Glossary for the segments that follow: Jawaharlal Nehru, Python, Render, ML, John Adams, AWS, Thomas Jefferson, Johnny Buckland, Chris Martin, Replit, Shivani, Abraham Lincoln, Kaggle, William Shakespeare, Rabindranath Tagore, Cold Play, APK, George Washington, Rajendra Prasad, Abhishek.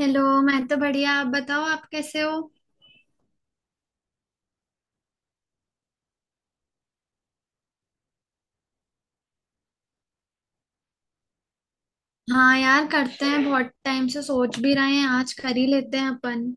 Hello. मैं तो बढ़िया, आप बताओ, आप कैसे हो? हाँ यार, करते हैं, बहुत टाइम से सोच भी रहे हैं, आज कर ही लेते हैं अपन।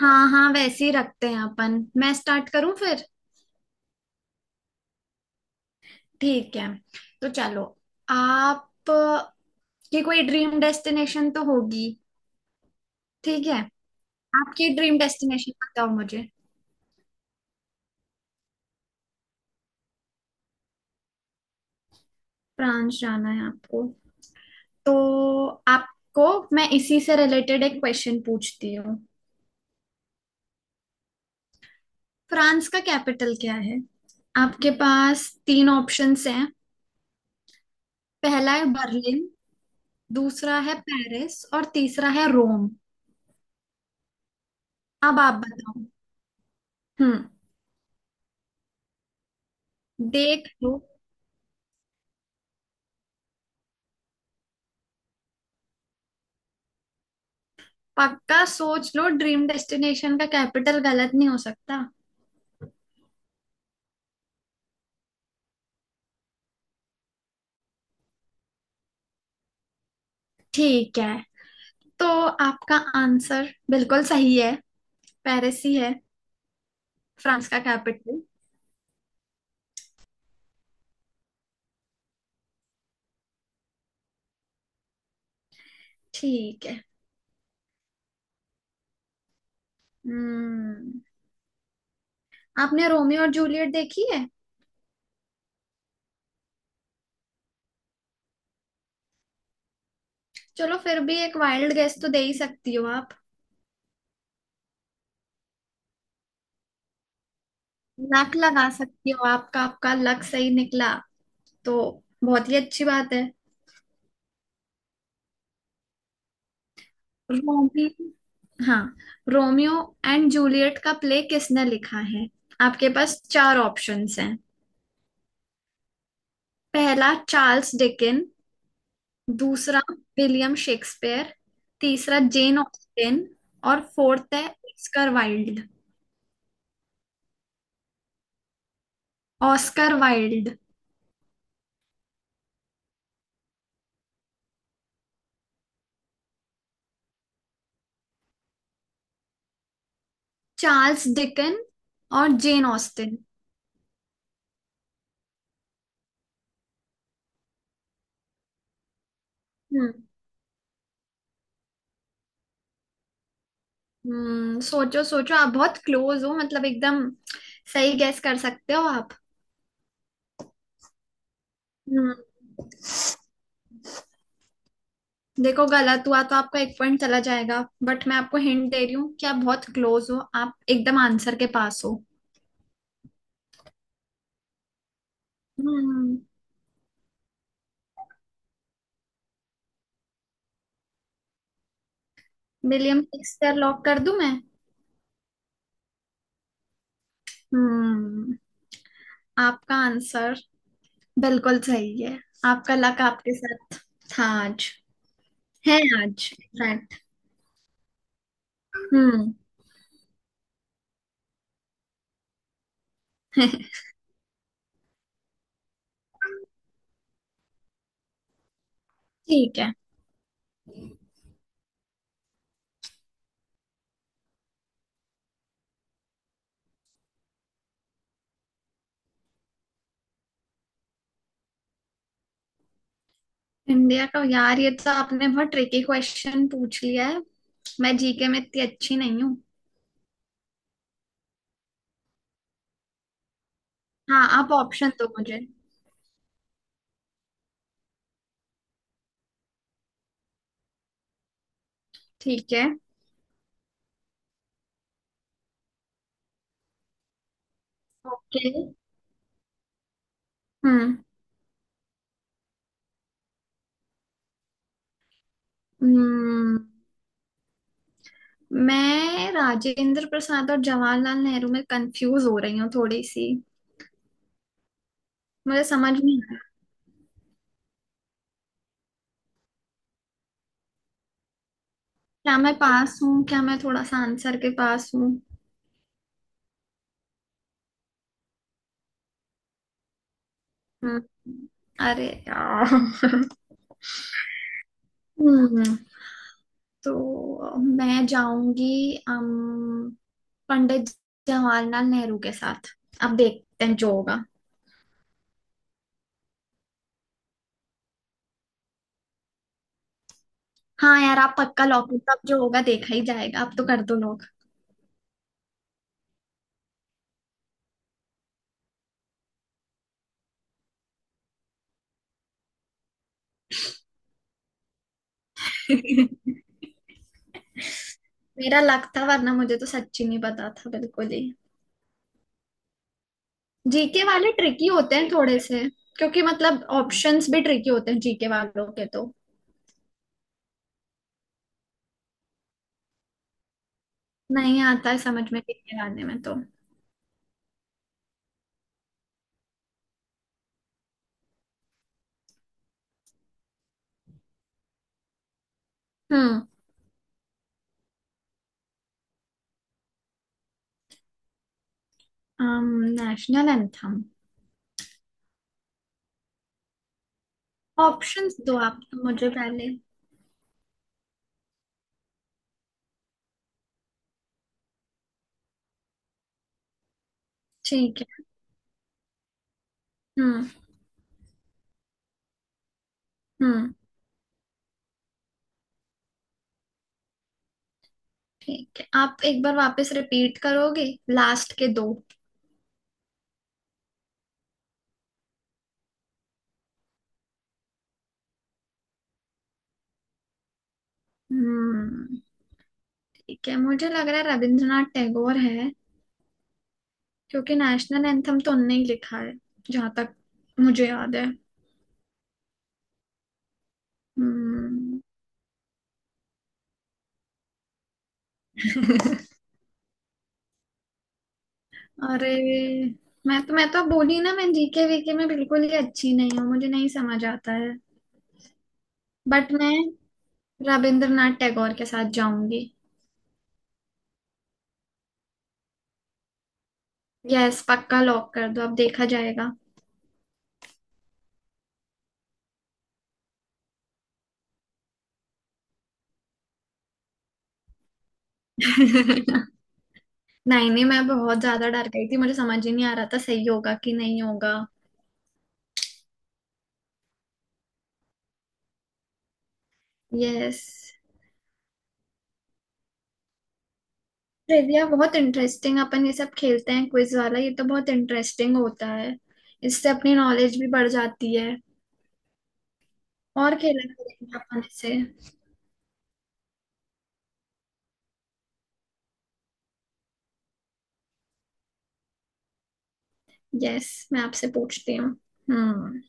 हाँ हाँ, वैसे ही रखते हैं अपन। मैं स्टार्ट करूं फिर? ठीक है, तो चलो। आप की कोई ड्रीम डेस्टिनेशन तो होगी। ठीक है, आपकी ड्रीम डेस्टिनेशन बताओ मुझे। फ्रांस जाना है आपको? तो आपको मैं इसी से रिलेटेड एक क्वेश्चन पूछती हूँ। फ्रांस का कैपिटल क्या है? आपके पास तीन ऑप्शंस हैं। पहला है बर्लिन, दूसरा है पेरिस और तीसरा है रोम। अब आप बताओ। हम्म। देख लो, पक्का सोच लो, ड्रीम डेस्टिनेशन का कैपिटल गलत नहीं हो सकता। ठीक है, तो आपका आंसर बिल्कुल सही है, पेरिस ही है फ्रांस का कैपिटल। ठीक है। हम्म। आपने रोमियो और जूलियट देखी है? चलो फिर भी एक वाइल्ड गेस तो दे ही सकती हो आप। लक लगा सकती हो, आपका आपका लक सही निकला, तो बहुत ही अच्छी बात है। रोमी, हाँ, रोमियो एंड जूलियट का प्ले किसने लिखा है? आपके पास चार ऑप्शंस हैं। पहला चार्ल्स डिकिन, दूसरा विलियम शेक्सपियर, तीसरा जेन ऑस्टिन और फोर्थ है Oscar Wilde. Oscar Wilde, Charles Dickens और जेन ऑस्टिन। हम्म। सोचो सोचो, आप बहुत क्लोज हो, मतलब एकदम सही गैस कर सकते हो आप। हम्म, देखो, गलत हुआ तो आपका एक पॉइंट चला जाएगा, बट मैं आपको हिंट दे रही हूँ कि आप बहुत क्लोज हो, आप एकदम आंसर के पास हो। हम्म। विलियम शेक्सपियर लॉक कर दूं मैं? हम्म। आपका आंसर बिल्कुल सही है, आपका लक आपके साथ था आज, है आज इनफैक्ट। हम्म। ठीक है। इंडिया का? यार, ये तो आपने बहुत ट्रिकी क्वेश्चन पूछ लिया है, मैं जीके में इतनी अच्छी नहीं हूँ। हाँ आप ऑप्शन दो मुझे। ठीक है। ओके। हम्म। हम्म। मैं राजेंद्र प्रसाद और जवाहरलाल नेहरू में कंफ्यूज हो रही हूँ थोड़ी सी, मुझे समझ नहीं आ रहा। क्या मैं पास हूँ? क्या मैं थोड़ा सा आंसर के पास हूँ? हम्म, अरे यार। हम्म। तो मैं जाऊंगी अम, पंडित जवाहरलाल नेहरू के साथ, अब देखते हैं जो होगा। हाँ यार, आप पक्का लॉक, अब जो होगा देखा ही जाएगा, अब तो कर दो लोग। मेरा लक था, वरना मुझे तो सच्ची नहीं पता था बिल्कुल ही। जीके वाले ट्रिकी होते हैं थोड़े से, क्योंकि मतलब ऑप्शंस भी ट्रिकी होते हैं जीके वालों के तो। नहीं आता है समझ में जीके वाले में तो। हम्म। National anthem. ऑप्शंस दो आप तो मुझे पहले। ठीक है। हम्म। हम्म। ठीक है, आप एक बार वापस रिपीट करोगे लास्ट के दो? हम्म। ठीक है, मुझे लग रहा है रविंद्रनाथ टैगोर है, क्योंकि नेशनल एंथम तो उनने ही लिखा है जहां तक मुझे याद है। हम्म। अरे, मैं तो बोली ना, मैं जीके वीके में बिल्कुल ही अच्छी नहीं हूँ, मुझे नहीं समझ आता है। बट मैं रविंद्रनाथ टैगोर के साथ जाऊंगी। यस, पक्का लॉक कर दो, अब देखा जाएगा। नहीं नहीं, मैं बहुत ज्यादा डर गई थी, मुझे समझ ही नहीं आ रहा था सही होगा कि नहीं होगा। यस। ट्रिविया बहुत इंटरेस्टिंग, अपन ये सब खेलते हैं क्विज वाला, ये तो बहुत इंटरेस्टिंग होता है, इससे अपनी नॉलेज भी बढ़ जाती है। और खेला करेंगे अपन इसे। यस, मैं आपसे पूछती हूँ। हम्म।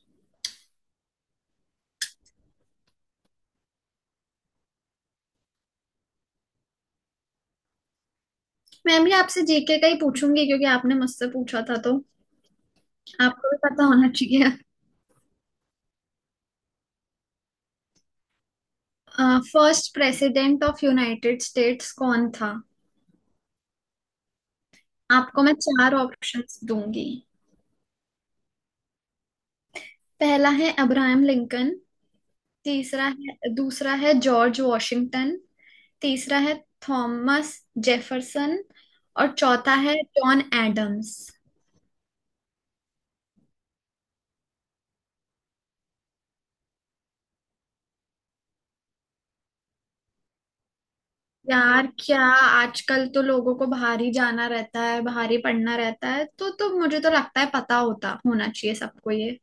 मैं भी आपसे जीके का ही पूछूंगी, क्योंकि आपने मुझसे पूछा था, तो आपको भी पता होना चाहिए। First president of United States कौन था? आपको मैं चार ऑप्शंस दूंगी। पहला है अब्राहम लिंकन, तीसरा है दूसरा है जॉर्ज वॉशिंगटन, तीसरा है थॉमस जेफरसन और चौथा है जॉन एडम्स। यार क्या, आजकल तो लोगों को बाहर ही जाना रहता है, बाहर ही पढ़ना रहता है, तो मुझे तो लगता है पता होता होना चाहिए सबको ये।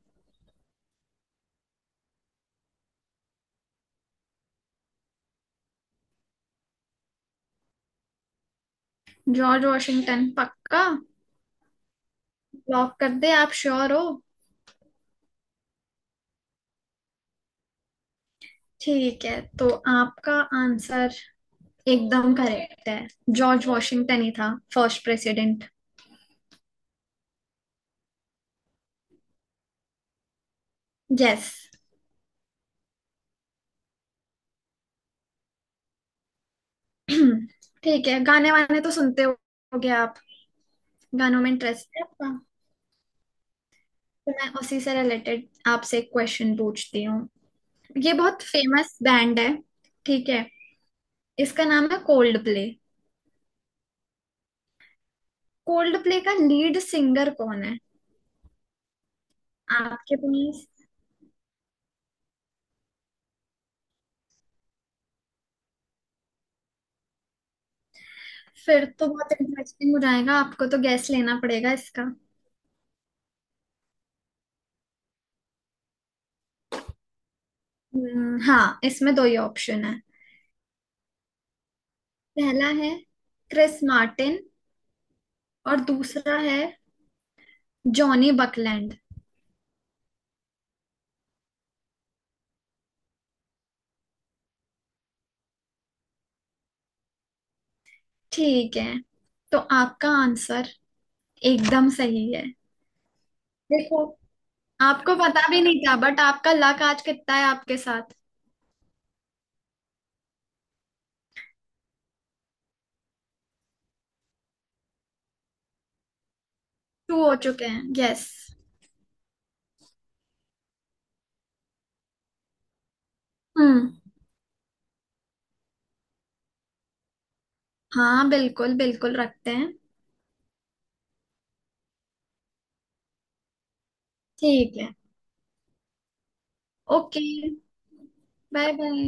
जॉर्ज वॉशिंगटन पक्का लॉक कर दे? आप श्योर हो? ठीक है, तो आपका आंसर एकदम करेक्ट है, जॉर्ज वॉशिंगटन ही था फर्स्ट प्रेसिडेंट। यस। ठीक है, गाने वाने तो सुनते होगे आप? गानों में इंटरेस्ट है आपका? तो मैं उसी से रिलेटेड आपसे एक क्वेश्चन पूछती हूँ। ये बहुत फेमस बैंड है, ठीक है, इसका नाम है कोल्ड प्ले। कोल्ड प्ले का लीड सिंगर कौन है? आपके पास, फिर तो बहुत इंटरेस्टिंग हो जाएगा, आपको तो गैस लेना पड़ेगा इसका। हाँ, इसमें दो ही ऑप्शन है। पहला है क्रिस मार्टिन और दूसरा है जॉनी बकलैंड। ठीक है, तो आपका आंसर एकदम सही है। देखो, आपको पता भी नहीं था, बट आपका लक आज कितना है आपके साथ। टू हो चुके हैं, यस। हम्म। हाँ, बिल्कुल बिल्कुल रखते हैं। ठीक है। Okay, bye. बाय।